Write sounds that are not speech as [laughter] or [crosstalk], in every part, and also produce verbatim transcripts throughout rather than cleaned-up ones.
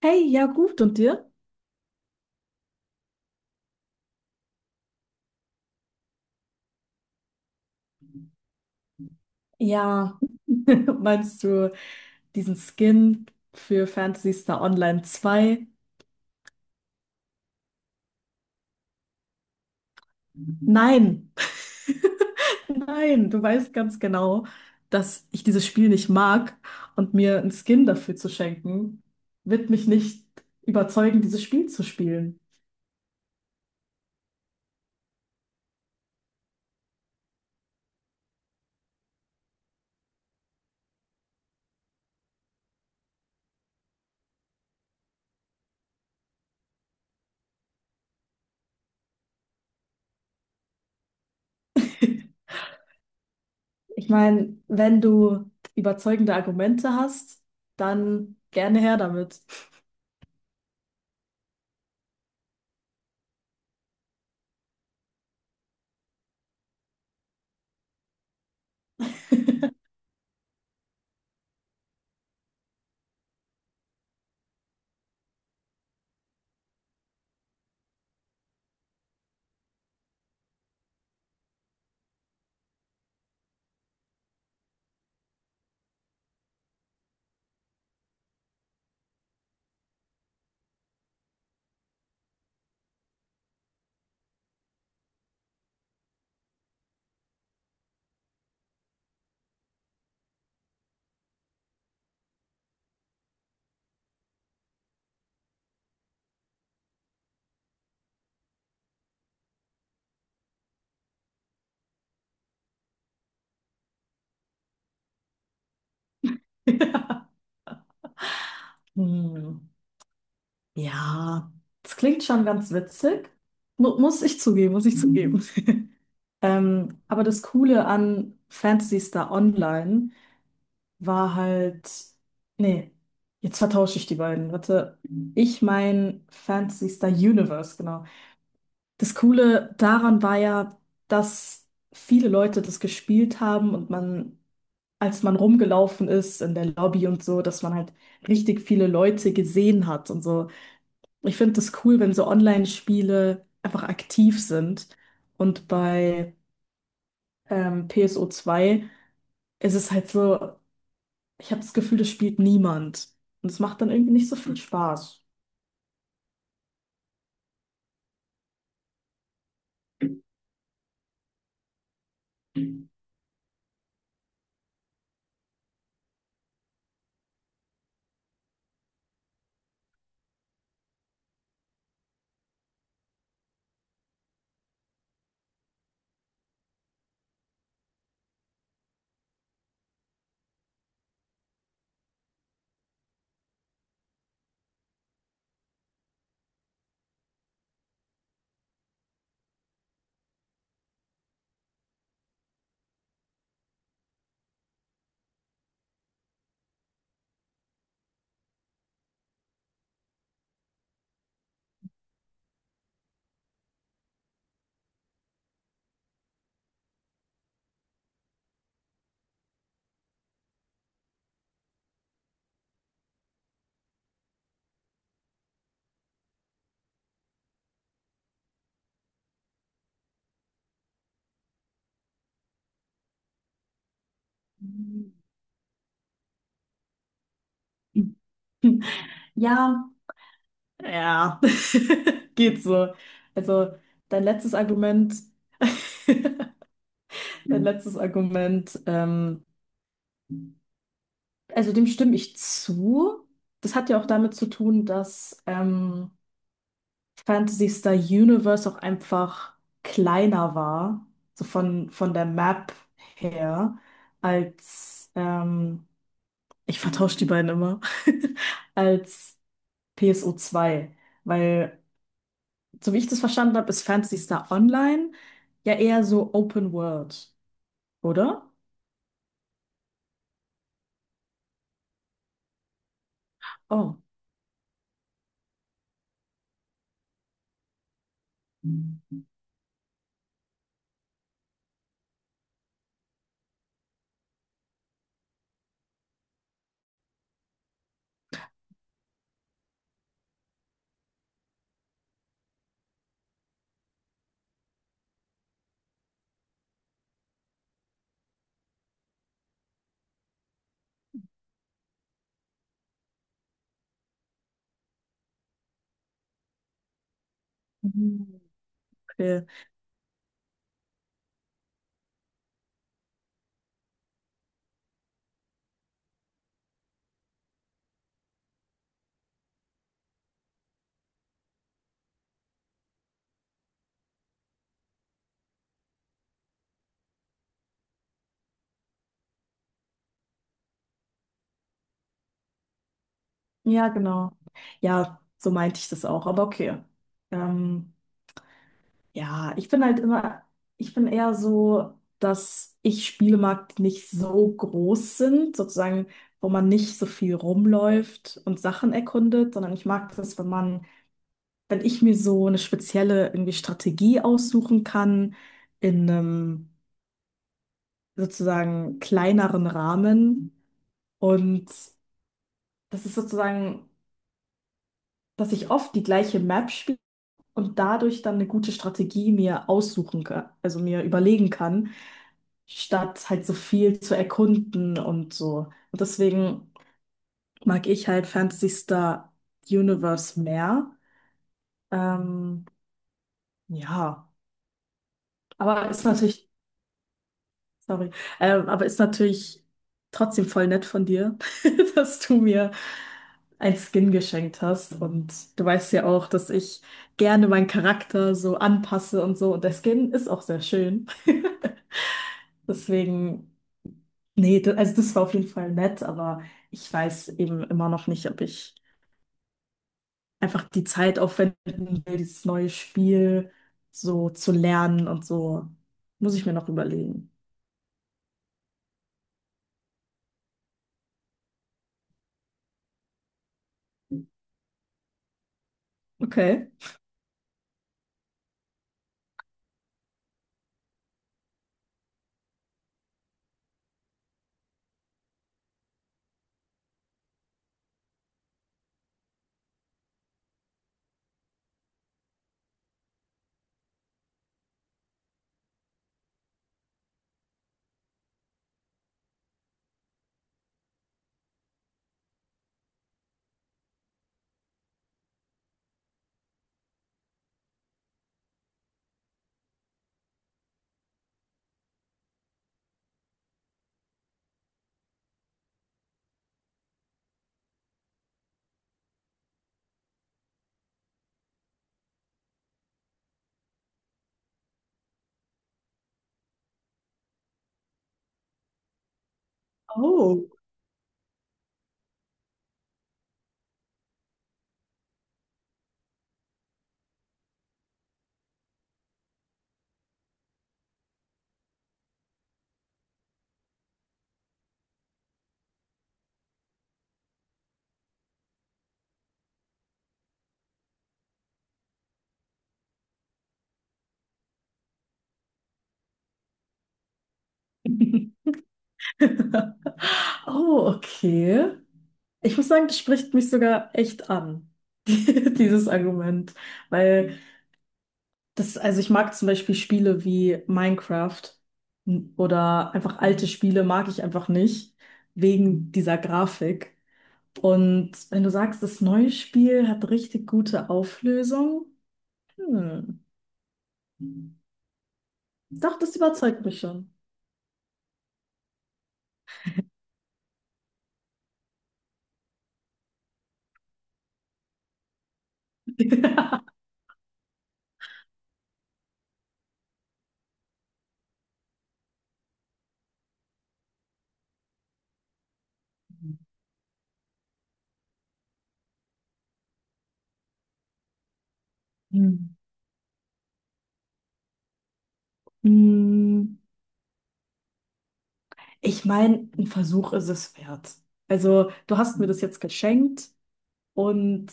Hey, ja gut, und dir? Ja, [laughs] meinst du diesen Skin für Phantasy Star Online zwei? Nein, [laughs] nein, du weißt ganz genau, dass ich dieses Spiel nicht mag und mir einen Skin dafür zu schenken, wird mich nicht überzeugen, dieses Spiel zu spielen. Ich meine, wenn du überzeugende Argumente hast, dann gerne her damit. [laughs] Hm. Ja, das klingt schon ganz witzig. Mu Muss ich zugeben, muss ich zugeben. [laughs] Ähm, aber das Coole an Phantasy Star Online war halt, nee, jetzt vertausche ich die beiden. Warte, ich mein Phantasy Star Universe, genau. Das Coole daran war ja, dass viele Leute das gespielt haben und man, als man rumgelaufen ist in der Lobby und so, dass man halt richtig viele Leute gesehen hat und so. Ich finde das cool, wenn so Online-Spiele einfach aktiv sind. Und bei ähm, P S O zwei ist es halt so, ich habe das Gefühl, das spielt niemand. Und es macht dann irgendwie nicht so viel Spaß. [laughs] Ja, ja, [laughs] geht so. Also dein letztes Argument, dein letztes Argument, ähm, also dem stimme ich zu. Das hat ja auch damit zu tun, dass ähm, Phantasy Star Universe auch einfach kleiner war, so von, von der Map her, als, ähm, ich vertausche die beiden immer, [laughs] als P S O zwei, weil, so wie ich das verstanden habe, ist Phantasy Star Online ja eher so Open World, oder? Oh. Mhm. Okay. Ja, genau. Ja, so meinte ich das auch, aber okay. Ähm, Ja, ich bin halt immer, ich bin eher so, dass ich Spiele mag, die nicht so groß sind, sozusagen, wo man nicht so viel rumläuft und Sachen erkundet, sondern ich mag das, wenn man, wenn ich mir so eine spezielle irgendwie Strategie aussuchen kann, in einem sozusagen kleineren Rahmen. Und das ist sozusagen, dass ich oft die gleiche Map spiele und dadurch dann eine gute Strategie mir aussuchen kann, also mir überlegen kann, statt halt so viel zu erkunden und so. Und deswegen mag ich halt Phantasy Star Universe mehr. Ähm, ja, aber ist natürlich, sorry, ähm, aber ist natürlich trotzdem voll nett von dir, [laughs] dass du mir ein Skin geschenkt hast. Und du weißt ja auch, dass ich gerne meinen Charakter so anpasse und so. Und der Skin ist auch sehr schön. Deswegen, nee, da- also das war auf jeden Fall nett, aber ich weiß eben immer noch nicht, ob ich einfach die Zeit aufwenden will, dieses neue Spiel so zu lernen und so. Muss ich mir noch überlegen. Okay. Oh. [laughs] Oh, okay. Ich muss sagen, das spricht mich sogar echt an, [laughs] dieses Argument, weil das, also ich mag zum Beispiel Spiele wie Minecraft oder einfach alte Spiele mag ich einfach nicht, wegen dieser Grafik. Und wenn du sagst, das neue Spiel hat richtig gute Auflösung, hm, doch, das überzeugt mich schon. [laughs] Hm. Hm, ich meine, ein Versuch ist es wert. Also, du hast mir das jetzt geschenkt und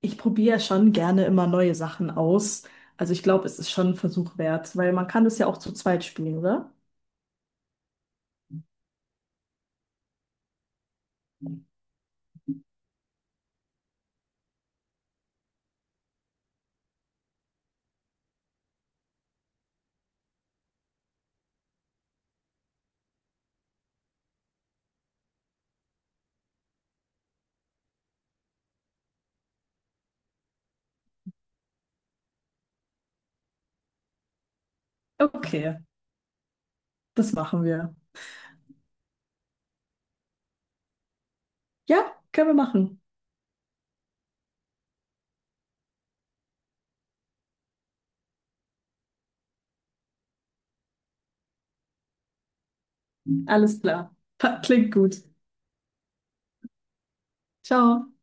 ich probiere ja schon gerne immer neue Sachen aus. Also ich glaube, es ist schon ein Versuch wert, weil man kann das ja auch zu zweit spielen, oder? Okay, das machen wir. Ja, können wir machen. Alles klar. [laughs] Klingt gut. Ciao.